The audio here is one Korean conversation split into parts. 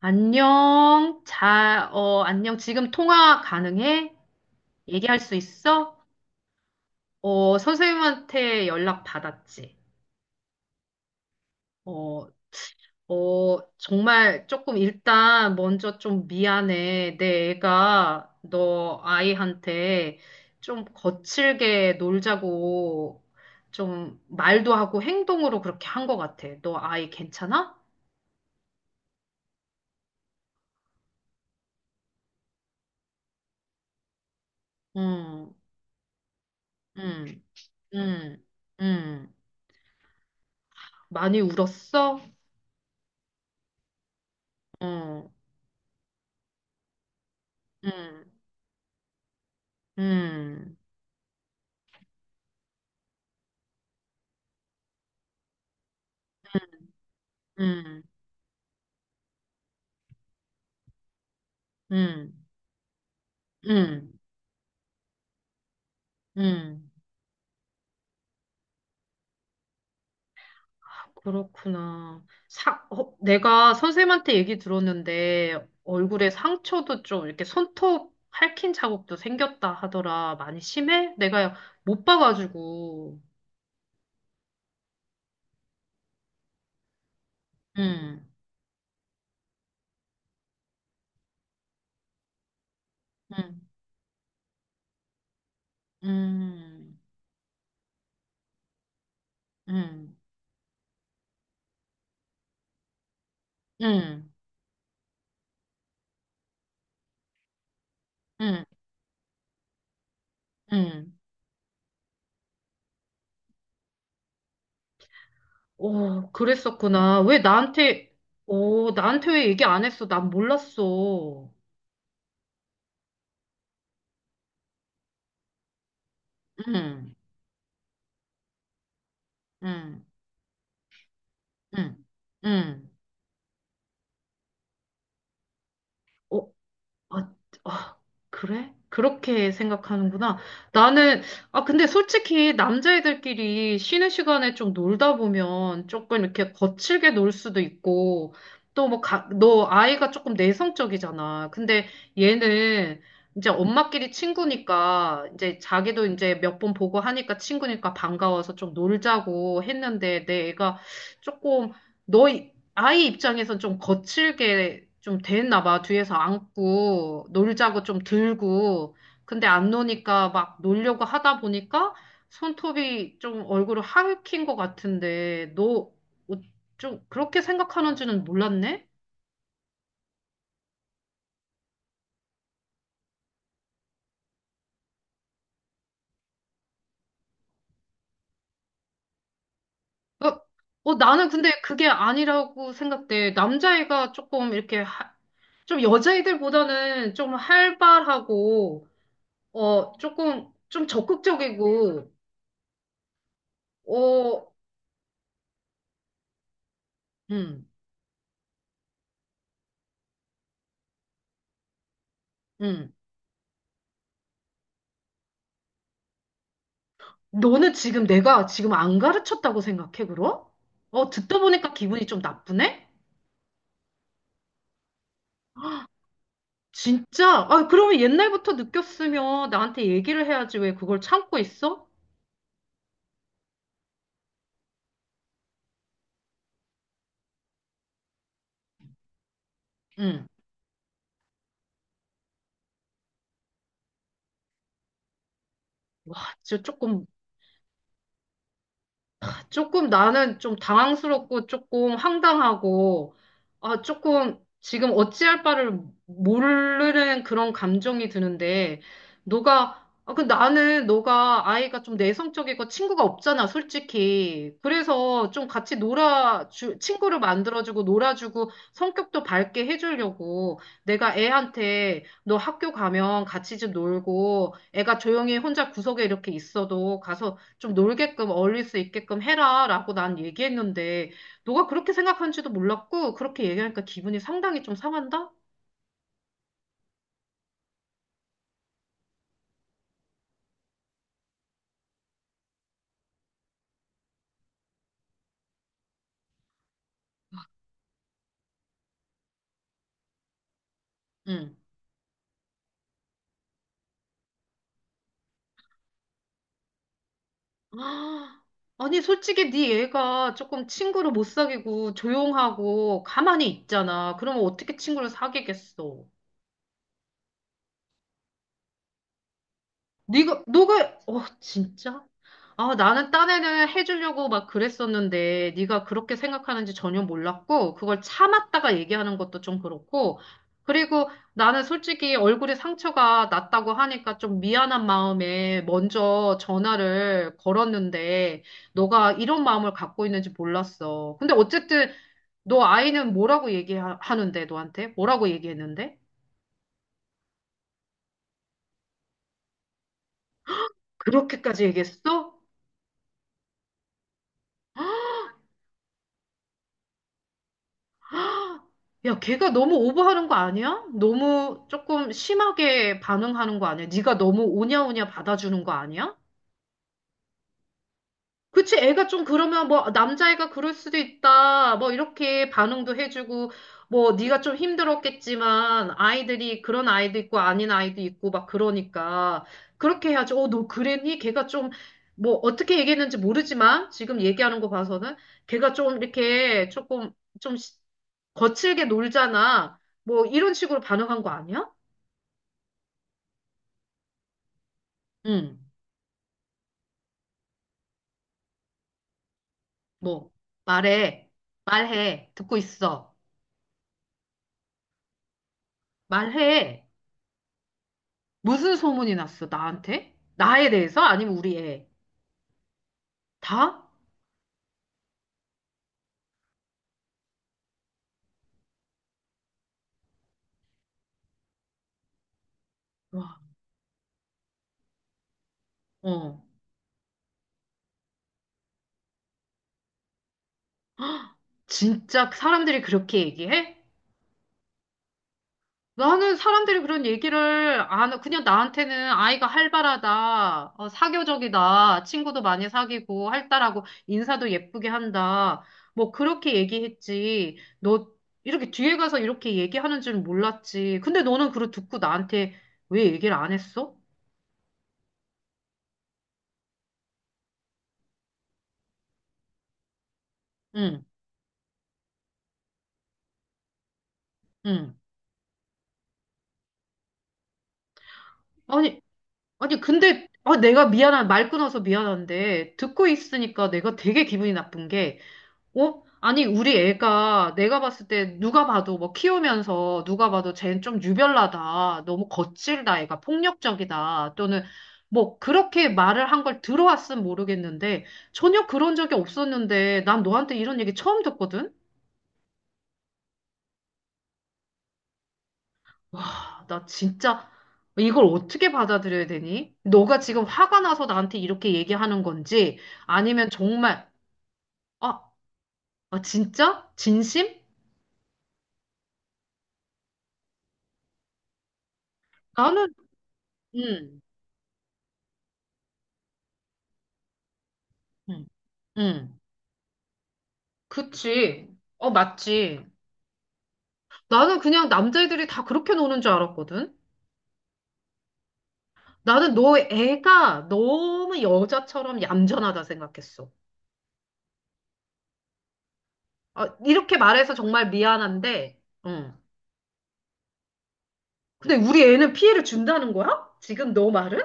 안녕. 안녕. 지금 통화 가능해? 얘기할 수 있어? 선생님한테 연락 받았지. 어, 정말 조금 일단 먼저 좀 미안해. 내 애가 너 아이한테 좀 거칠게 놀자고 좀 말도 하고 행동으로 그렇게 한 것 같아. 너 아이 괜찮아? 응, 응, 응, 응. 많이 울었어? 응. 음, 음, 음, 음, 음, 음. 그렇구나. 내가 선생님한테 얘기 들었는데 얼굴에 상처도 좀 이렇게 손톱 핥힌 자국도 생겼다 하더라. 많이 심해? 내가 못 봐가지고. 음, 음, 음, 음, 음, 음, 음. 오, 그랬었구나. 오, 나한테 왜 얘기 안 했어? 난 몰랐어. 음, 음. 응, 응. 어, 아, 아, 그래? 그렇게 생각하는구나. 나는, 아, 근데 솔직히 남자애들끼리 쉬는 시간에 좀 놀다 보면 조금 이렇게 거칠게 놀 수도 있고, 또 뭐, 너 아이가 조금 내성적이잖아. 근데 얘는 이제 엄마끼리 친구니까, 이제 자기도 이제 몇 번 보고 하니까 친구니까 반가워서 좀 놀자고 했는데, 내 애가 조금, 너, 아이 입장에선 좀 거칠게 좀 됐나 봐. 뒤에서 안고 놀자고 좀 들고. 근데 안 노니까 막 놀려고 하다 보니까 손톱이 좀 얼굴을 하익힌 것 같은데 너 좀 그렇게 생각하는지는 몰랐네? 어, 나는 근데 그게 아니라고 생각돼. 남자애가 조금 이렇게 좀 여자애들보다는 좀 활발하고 조금 좀 적극적이고. 어 음. 음. 너는 지금 내가 지금 안 가르쳤다고 생각해, 그럼? 어, 듣다 보니까 기분이 좀 나쁘네? 진짜? 아, 그러면 옛날부터 느꼈으면 나한테 얘기를 해야지 왜 그걸 참고 있어? 응. 진짜 조금 조금 나는 좀 당황스럽고 조금 황당하고, 아, 조금 지금 어찌할 바를 모르는 그런 감정이 드는데, 너가, 아, 그 나는 너가 아이가 좀 내성적이고 친구가 없잖아, 솔직히. 그래서 좀 친구를 만들어주고 놀아주고 성격도 밝게 해주려고 내가 애한테 너 학교 가면 같이 좀 놀고 애가 조용히 혼자 구석에 이렇게 있어도 가서 좀 놀게끔 어울릴 수 있게끔 해라라고 난 얘기했는데 너가 그렇게 생각하는지도 몰랐고 그렇게 얘기하니까 기분이 상당히 좀 상한다? 응. 아, 아니 솔직히 네 얘가 조금 친구를 못 사귀고 조용하고 가만히 있잖아. 그러면 어떻게 친구를 사귀겠어? 네가 너가 어 진짜? 아 나는 딴 애는 해주려고 막 그랬었는데 네가 그렇게 생각하는지 전혀 몰랐고 그걸 참았다가 얘기하는 것도 좀 그렇고. 그리고 나는 솔직히 얼굴에 상처가 났다고 하니까 좀 미안한 마음에 먼저 전화를 걸었는데 너가 이런 마음을 갖고 있는지 몰랐어. 근데 어쨌든 너 아이는 뭐라고 얘기하는데 너한테? 뭐라고 얘기했는데? 그렇게까지 얘기했어? 야, 걔가 너무 오버하는 거 아니야? 너무 조금 심하게 반응하는 거 아니야? 네가 너무 오냐오냐 받아주는 거 아니야? 그치, 애가 좀 그러면 뭐 남자애가 그럴 수도 있다. 뭐 이렇게 반응도 해주고 뭐 네가 좀 힘들었겠지만 아이들이 그런 아이도 있고 아닌 아이도 있고 막 그러니까 그렇게 해야지. 어, 너 그랬니? 걔가 좀 뭐 어떻게 얘기했는지 모르지만 지금 얘기하는 거 봐서는 걔가 좀 이렇게 조금 좀 거칠게 놀잖아. 뭐 이런 식으로 반응한 거 아니야? 응. 뭐 말해. 말해. 듣고 있어. 말해. 무슨 소문이 났어? 나한테? 나에 대해서? 아니면 우리 애? 다? 와. 어. 진짜 사람들이 그렇게 얘기해? 나는 사람들이 그런 얘기를 안, 그냥 나한테는 아이가 활발하다, 어, 사교적이다, 친구도 많이 사귀고, 활달하고, 인사도 예쁘게 한다. 뭐, 그렇게 얘기했지. 이렇게 뒤에 가서 이렇게 얘기하는 줄 몰랐지. 근데 너는 그걸 듣고 나한테 왜 얘기를 안 했어? 응, 응. 아니, 아니, 근데, 내가 미안한, 말 끊어서 미안한데, 듣고 있으니까 내가 되게 기분이 나쁜 게, 어? 아니, 우리 애가 내가 봤을 때 누가 봐도 뭐 키우면서 누가 봐도 쟤는 좀 유별나다. 너무 거칠다. 애가 폭력적이다. 또는 뭐 그렇게 말을 한 걸 들어왔으면 모르겠는데 전혀 그런 적이 없었는데 난 너한테 이런 얘기 처음 듣거든? 와, 나 진짜 이걸 어떻게 받아들여야 되니? 너가 지금 화가 나서 나한테 이렇게 얘기하는 건지 아니면 정말, 아, 아 진짜? 진심? 나는. 음. 음. 음. 그치. 어, 맞지. 나는 그냥 남자애들이 다 그렇게 노는 줄 알았거든. 나는 너 애가 너무 여자처럼 얌전하다 생각했어. 아, 이렇게 말해서 정말 미안한데, 응. 근데 우리 애는 피해를 준다는 거야? 지금 너 말은?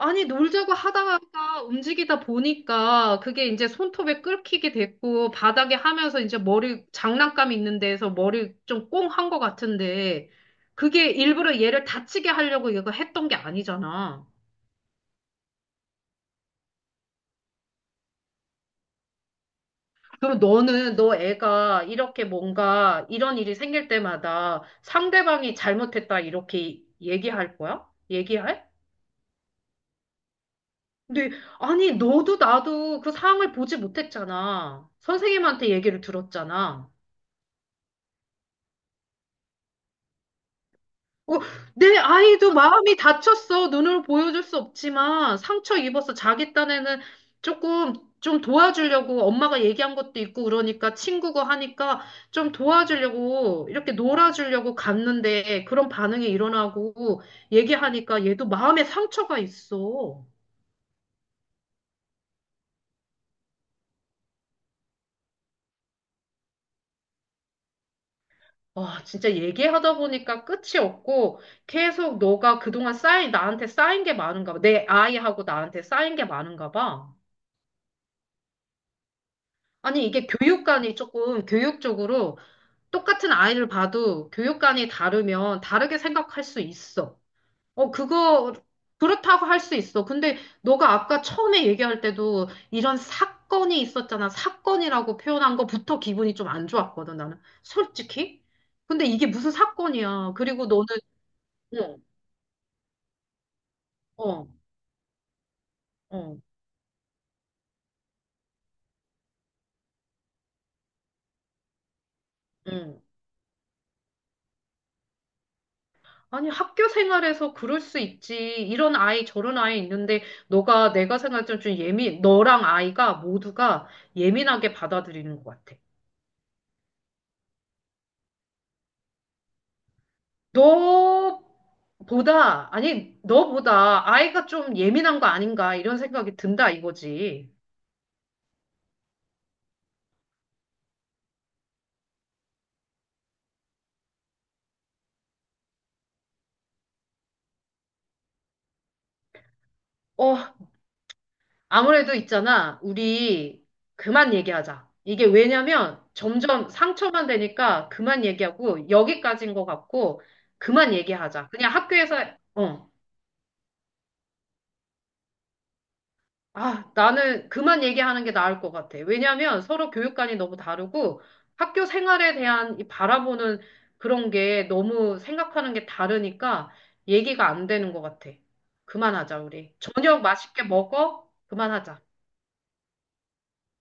아니, 놀자고 하다가 움직이다 보니까 그게 이제 손톱에 끓기게 됐고, 바닥에 하면서 이제 머리, 장난감 있는 데에서 머리 좀 꽁 한 것 같은데, 그게 일부러 얘를 다치게 하려고 이거 했던 게 아니잖아. 그럼 너는, 너 애가 이렇게 뭔가 이런 일이 생길 때마다 상대방이 잘못했다 이렇게 얘기할 거야? 얘기할? 근데, 아니, 너도 나도 그 상황을 보지 못했잖아. 선생님한테 얘기를 들었잖아. 어, 내 아이도 마음이 다쳤어. 눈으로 보여줄 수 없지만 상처 입어서 자기 딴에는 조금 좀 도와주려고 엄마가 얘기한 것도 있고 그러니까 친구고 하니까 좀 도와주려고 이렇게 놀아주려고 갔는데 그런 반응이 일어나고 얘기하니까 얘도 마음에 상처가 있어. 와, 진짜 얘기하다 보니까 끝이 없고 계속 너가 그동안 나한테 쌓인 게 많은가 봐. 내 아이하고 나한테 쌓인 게 많은가 봐. 아니, 이게 교육관이 조금 교육적으로 똑같은 아이를 봐도 교육관이 다르면 다르게 생각할 수 있어. 어, 그거, 그렇다고 할 수 있어. 근데 너가 아까 처음에 얘기할 때도 이런 사건이 있었잖아. 사건이라고 표현한 거부터 기분이 좀 안 좋았거든, 나는. 솔직히. 근데 이게 무슨 사건이야. 그리고 너는, 어, 어, 어, 응. 아니, 학교 생활에서 그럴 수 있지. 이런 아이, 저런 아이 있는데, 너가 내가 생각할 때는 좀 예민, 너랑 아이가 모두가 예민하게 받아들이는 것 같아. 너보다, 아니, 너보다 아이가 좀 예민한 거 아닌가, 이런 생각이 든다, 이거지. 어, 아무래도 있잖아. 우리 그만 얘기하자. 이게 왜냐면 점점 상처만 되니까 그만 얘기하고, 여기까지인 것 같고, 그만 얘기하자. 어. 아, 나는 그만 얘기하는 게 나을 것 같아. 왜냐하면 서로 교육관이 너무 다르고 학교 생활에 대한 이 바라보는 그런 게 너무 생각하는 게 다르니까 얘기가 안 되는 것 같아. 그만하자, 우리. 저녁 맛있게 먹어? 그만하자.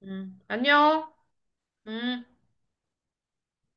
안녕. 음.